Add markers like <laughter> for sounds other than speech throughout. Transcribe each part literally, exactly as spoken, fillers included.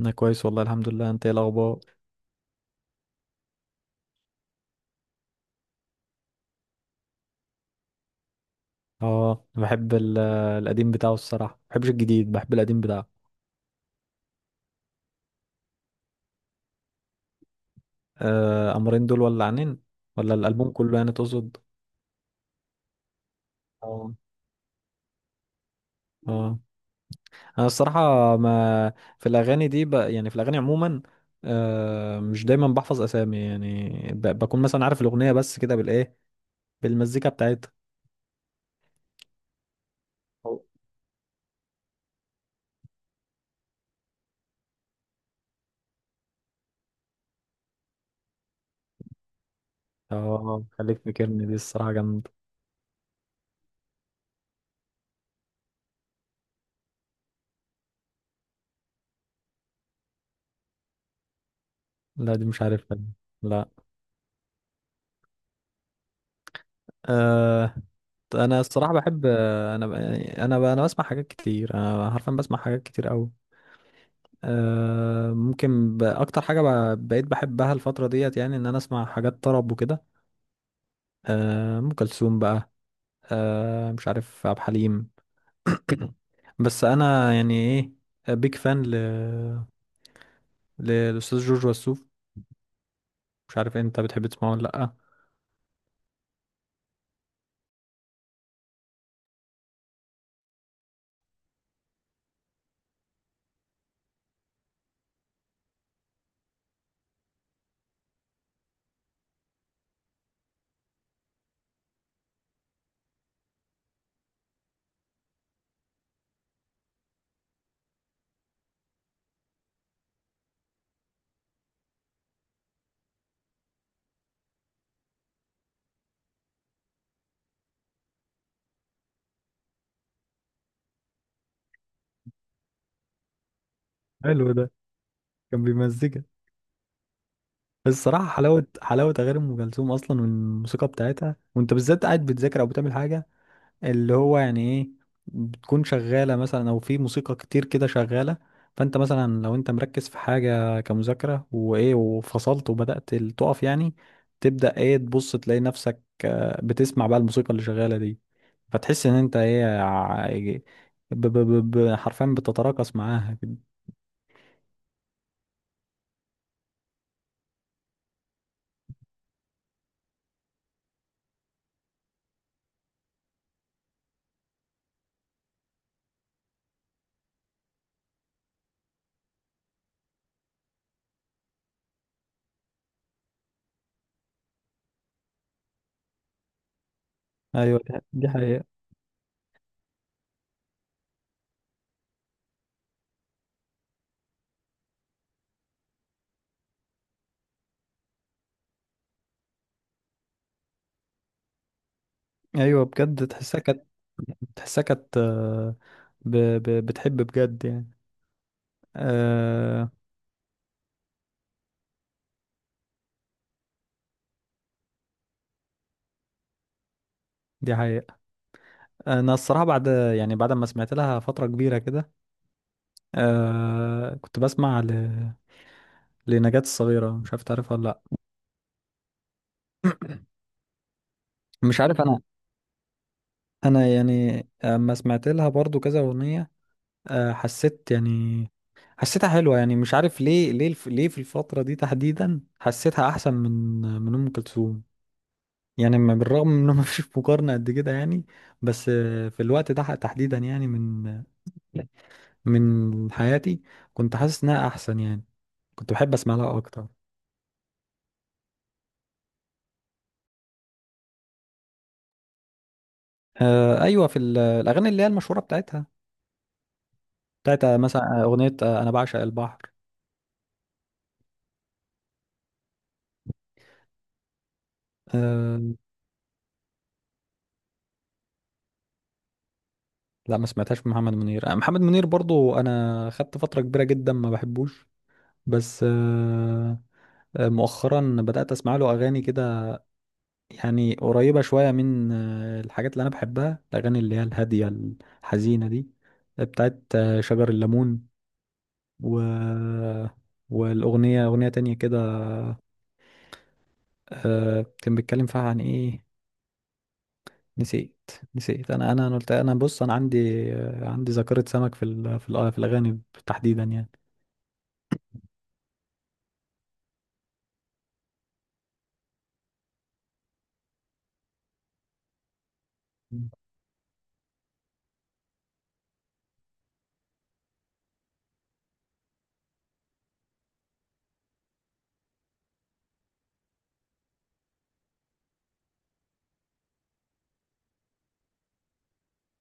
انا كويس والله الحمد لله. انت ايه الاخبار؟ اه، أنا بحب ال- القديم بتاعه الصراحه، ما بحبش الجديد، بحب القديم بتاعه. آه، امرين دول ولا عنين، ولا الالبوم كله يعني تقصد؟ اه. اه. انا الصراحه ما في الاغاني دي ب... يعني في الاغاني عموما، آه، مش دايما بحفظ اسامي يعني، ب... بكون مثلا عارف الاغنيه بس كده بالايه، بالمزيكا بتاعتها. اه، خليك فاكرني دي الصراحه جامده. لا، دي مش عارفها دي. لا. آه، انا الصراحه بحب، انا ب- يعني انا ب- انا بسمع حاجات كتير، انا حرفيا بسمع حاجات كتير قوي. أه، ممكن ب... اكتر حاجه ب... بقيت بحبها الفتره ديت، يعني ان انا اسمع حاجات طرب وكده. أه، ام كلثوم بقى. أه، مش عارف، عبد الحليم. <clears throat> بس انا يعني ايه، بيك فان ل... للاستاذ جورج وسوف. مش عارف انت بتحب تسمعه ولا لا. حلو ده، كان بيمزجك. بس الصراحه حلاوه، حلاوه اغاني ام كلثوم اصلا والموسيقى بتاعتها، وانت بالذات قاعد بتذاكر او بتعمل حاجه، اللي هو يعني ايه، بتكون شغالة مثلا او في موسيقى كتير كده شغالة. فانت مثلا لو انت مركز في حاجة كمذاكرة وايه، وفصلت وبدأت ال- تقف يعني، تبدأ ايه، تبص تلاقي نفسك بتسمع بقى الموسيقى اللي شغالة دي. فتحس ان انت ايه، ع- ب- ب- ب- ب- حرفيا بتتراقص معاها كده. ايوه، دي دي حقيقة. ايوه بجد، تحسها كانت، تحسها كانت، آه، ب- ب- بتحب بجد يعني. آه، دي حقيقة. انا الصراحه بعد، يعني بعد ما سمعت لها فتره كبيره كده، آه كنت بسمع ل... لنجاة الصغيره، مش عارف تعرفها ولا لا. <clears throat> مش عارف انا، انا يعني اما سمعت لها برضو كذا اغنيه، آه حسيت يعني، حسيتها حلوه، يعني مش عارف ليه، ليه الف... ليه في الفتره دي تحديدا حسيتها احسن من، من ام كلثوم يعني. ما- بالرغم من انه <laughs> ما فيش مقارنه قد كده يعني. بس آه، في الوقت ده تحديدا، يعني من، من حياتي، كنت حاسس انها احسن يعني، كنت بحب اسمع لها اكتر. آه، ايوه، في ال- الاغاني اللي هي المشهوره بتاعتها، بتاعت آه، مثلا اغنيه آه، انا بعشق البحر. آه. لا، ما سمعتهاش من محمد منير. آه، محمد منير برضو انا خدت فتره كبيره جدا ما بحبوش. بس آه، آه، مؤخرا بدات اسمع له اغاني كده، يعني قريبه شويه من آه، الحاجات اللي انا بحبها، الاغاني اللي هي الهاديه الحزينه دي، بتاعت آه، شجر الليمون، و، والاغنيه، اغنيه تانية كده، آه كان بيتكلم فيها عن ايه، نسيت، نسيت، انا انا أنا قلت، انا بص انا عندي، عندي ذاكرة سمك في ال- في الأ- في الاغاني تحديدا يعني.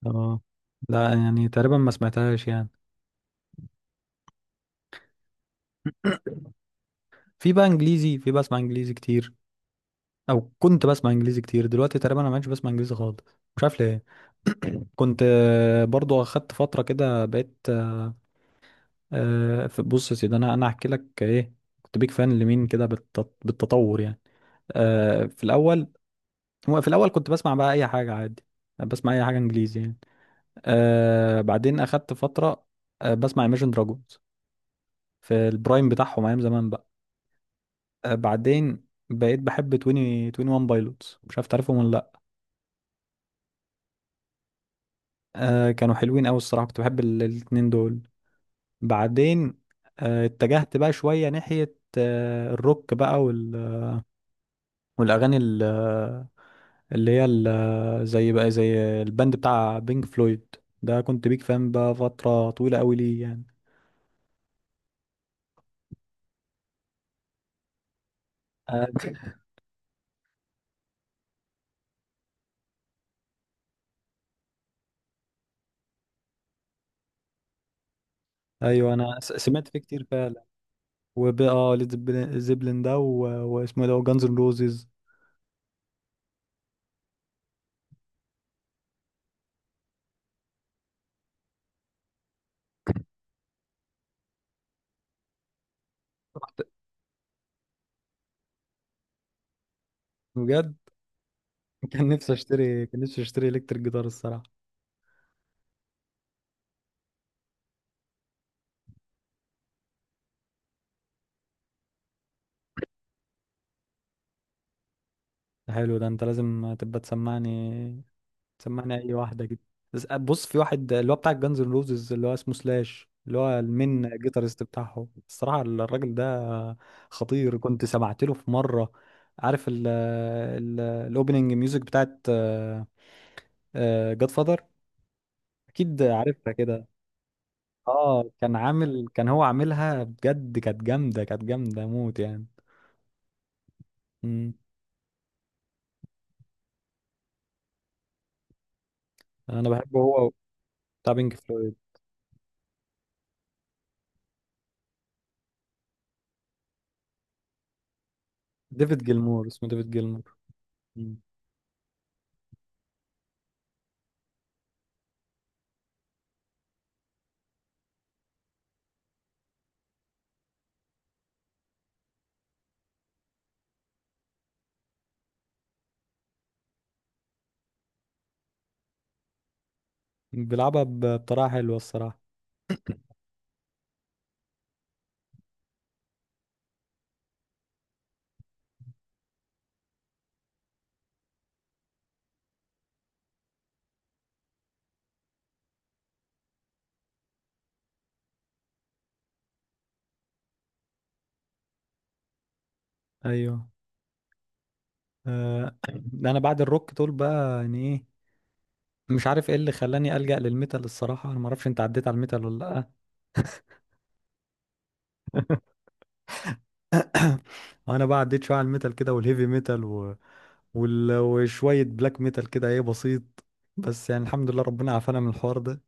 اه. لا، يعني تقريبا ما سمعتهاش يعني. في بقى انجليزي، في بسمع انجليزي كتير، او كنت بسمع انجليزي كتير، دلوقتي تقريبا انا ما بقتش بسمع انجليزي خالص، مش عارف ليه. <clears throat> كنت آه، برضو اخدت فترة كده بقيت آه، في- بص يا سيدي، انا انا هحكي لك ايه، كنت بيك فان لمين كده بالت- بالتطور يعني. آه، في الاول، هو في الاول كنت بسمع بقى اي حاجة عادي، بسمع اي حاجة انجليزي يعني. آه، بعدين اخدت فتره آه بسمع Imagine Dragons في البرايم بتاعهم ايام زمان بقى. آه بعدين بقيت بحب 20 واحد وعشرين بايلوتس، مش عارف تعرفهم ولا لا. آه، كانوا حلوين قوي الصراحه، كنت بحب ال- الاتنين دول. بعدين آه اتجهت بقى شويه ناحيه آه الروك بقى، وال والاغاني ال- اللي هي ال- زي بقى، زي البند بتاع بينك فلويد، ده كنت بيك فان بقى فتره طويله قوي ليه يعني. آه، <laughs> ايوه، انا س- سمعت فيه كتير فعلا. وبقى اه، ليد زيبلين، زيبلين ده و... واسمه إيه ده، جانز اند روزز، بجد. كان نفسي اشتري، كان نفسي اشتري الكتريك جيتار الصراحه. ده حلو ده، انت لازم تبقى تسمعني، تسمعني اي واحده كده. بس آه، بص، في واحد اللي هو بتاع جانز اند روزز، اللي هو اسمه سلاش، اللي هو المين جيتارست بتاعهم. الصراحه الراجل ده خطير. كنت سمعت له في مره، عارف ال، ال الاوبننج ميوزك بتاعت جاد فادر، اكيد عارفها كده. اه، كان عامل، كان هو عاملها بجد، كانت جامدة، كانت جامدة موت يعني. مم. انا بحبه هو، بتاع بينك فلويد، ديفيد جيلمور، اسمه ديفيد جيلمور. مم. بيلعبها ب- بطريقة حلوة الصراحة. ايوه. آه. <clears throat> انا بعد الروك دول بقى يعني ايه، مش عارف ايه اللي خلاني ألجأ للميتال الصراحة. انا ما اعرفش انت عديت على الميتال ولا لا. <laughs> انا بقى عديت شوية على الميتال كده، والهيفي ميتال و... وال... وشوية بلاك ميتال كده، ايه بسيط. بس يعني الحمد لله، ربنا عافانا من الحوار ده.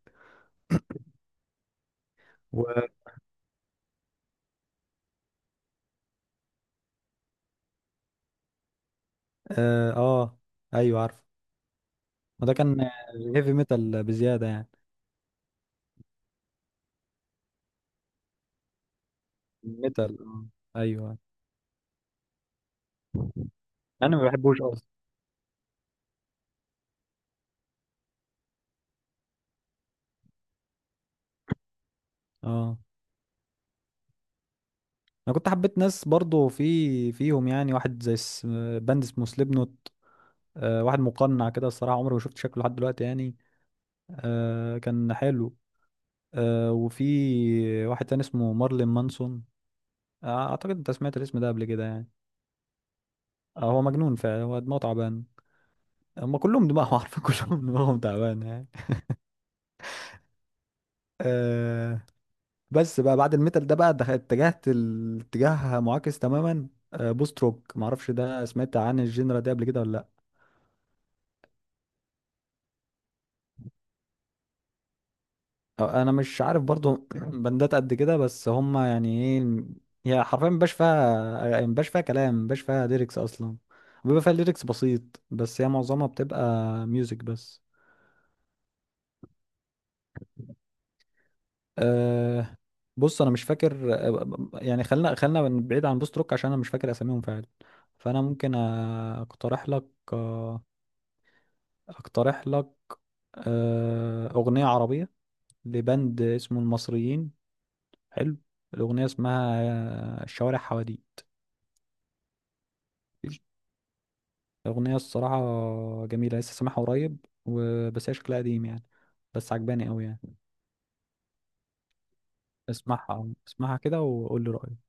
اه، آه، ايوه عارف. وده كان هيفي ميتال بزياده يعني. ميتال، آه، ايوه. انا ما بحبوش اصلا. اه، انا كنت حبيت ناس برضو في، فيهم يعني، واحد زي اس- باند اسمه سليب نوت، آه واحد مقنع كده الصراحه، عمري ما شفت شكله لحد دلوقتي يعني، آه كان حلو. آه وفي واحد تاني اسمه مارلين مانسون، آه اعتقد انت سمعت الاسم ده قبل كده يعني. آه هو مجنون فعلا، هو دماغه تعبان، هم كلهم دماغهم <laughs> عارفين كلهم دماغهم تعبان يعني. آه، بس بقى بعد الميتال ده بقى، دخلت، اتجهت الاتجاه معاكس تماما، آه، بوست روك. معرفش ده سمعت عن الجينرا دي قبل كده ولا لا. آه، انا مش عارف برضو <clears throat> بندات قد كده، بس هم يعني ايه، هي حرفيا مبقاش فيها، مبقاش فيها كلام، مبقاش فيها ليركس اصلا، بيبقى فيها ليركس بسيط، بس هي معظمها بتبقى ميوزك بس. أه، بص انا مش فاكر، آه، يعني خلينا، خلينا بعيد عن بوست روك عشان انا مش فاكر اساميهم فعلا. فانا ممكن آه، اقترح لك، آه، اقترح لك آه، أغنية عربية لبند اسمه المصريين، حلو. الأغنية اسمها الشوارع حواديت. الأغنية الصراحة جميلة، لسه سامعها قريب، وبس هي شكلها قديم يعني، بس عجباني أوي يعني. اسمعها، اسمعها كده وقول لي رأيك.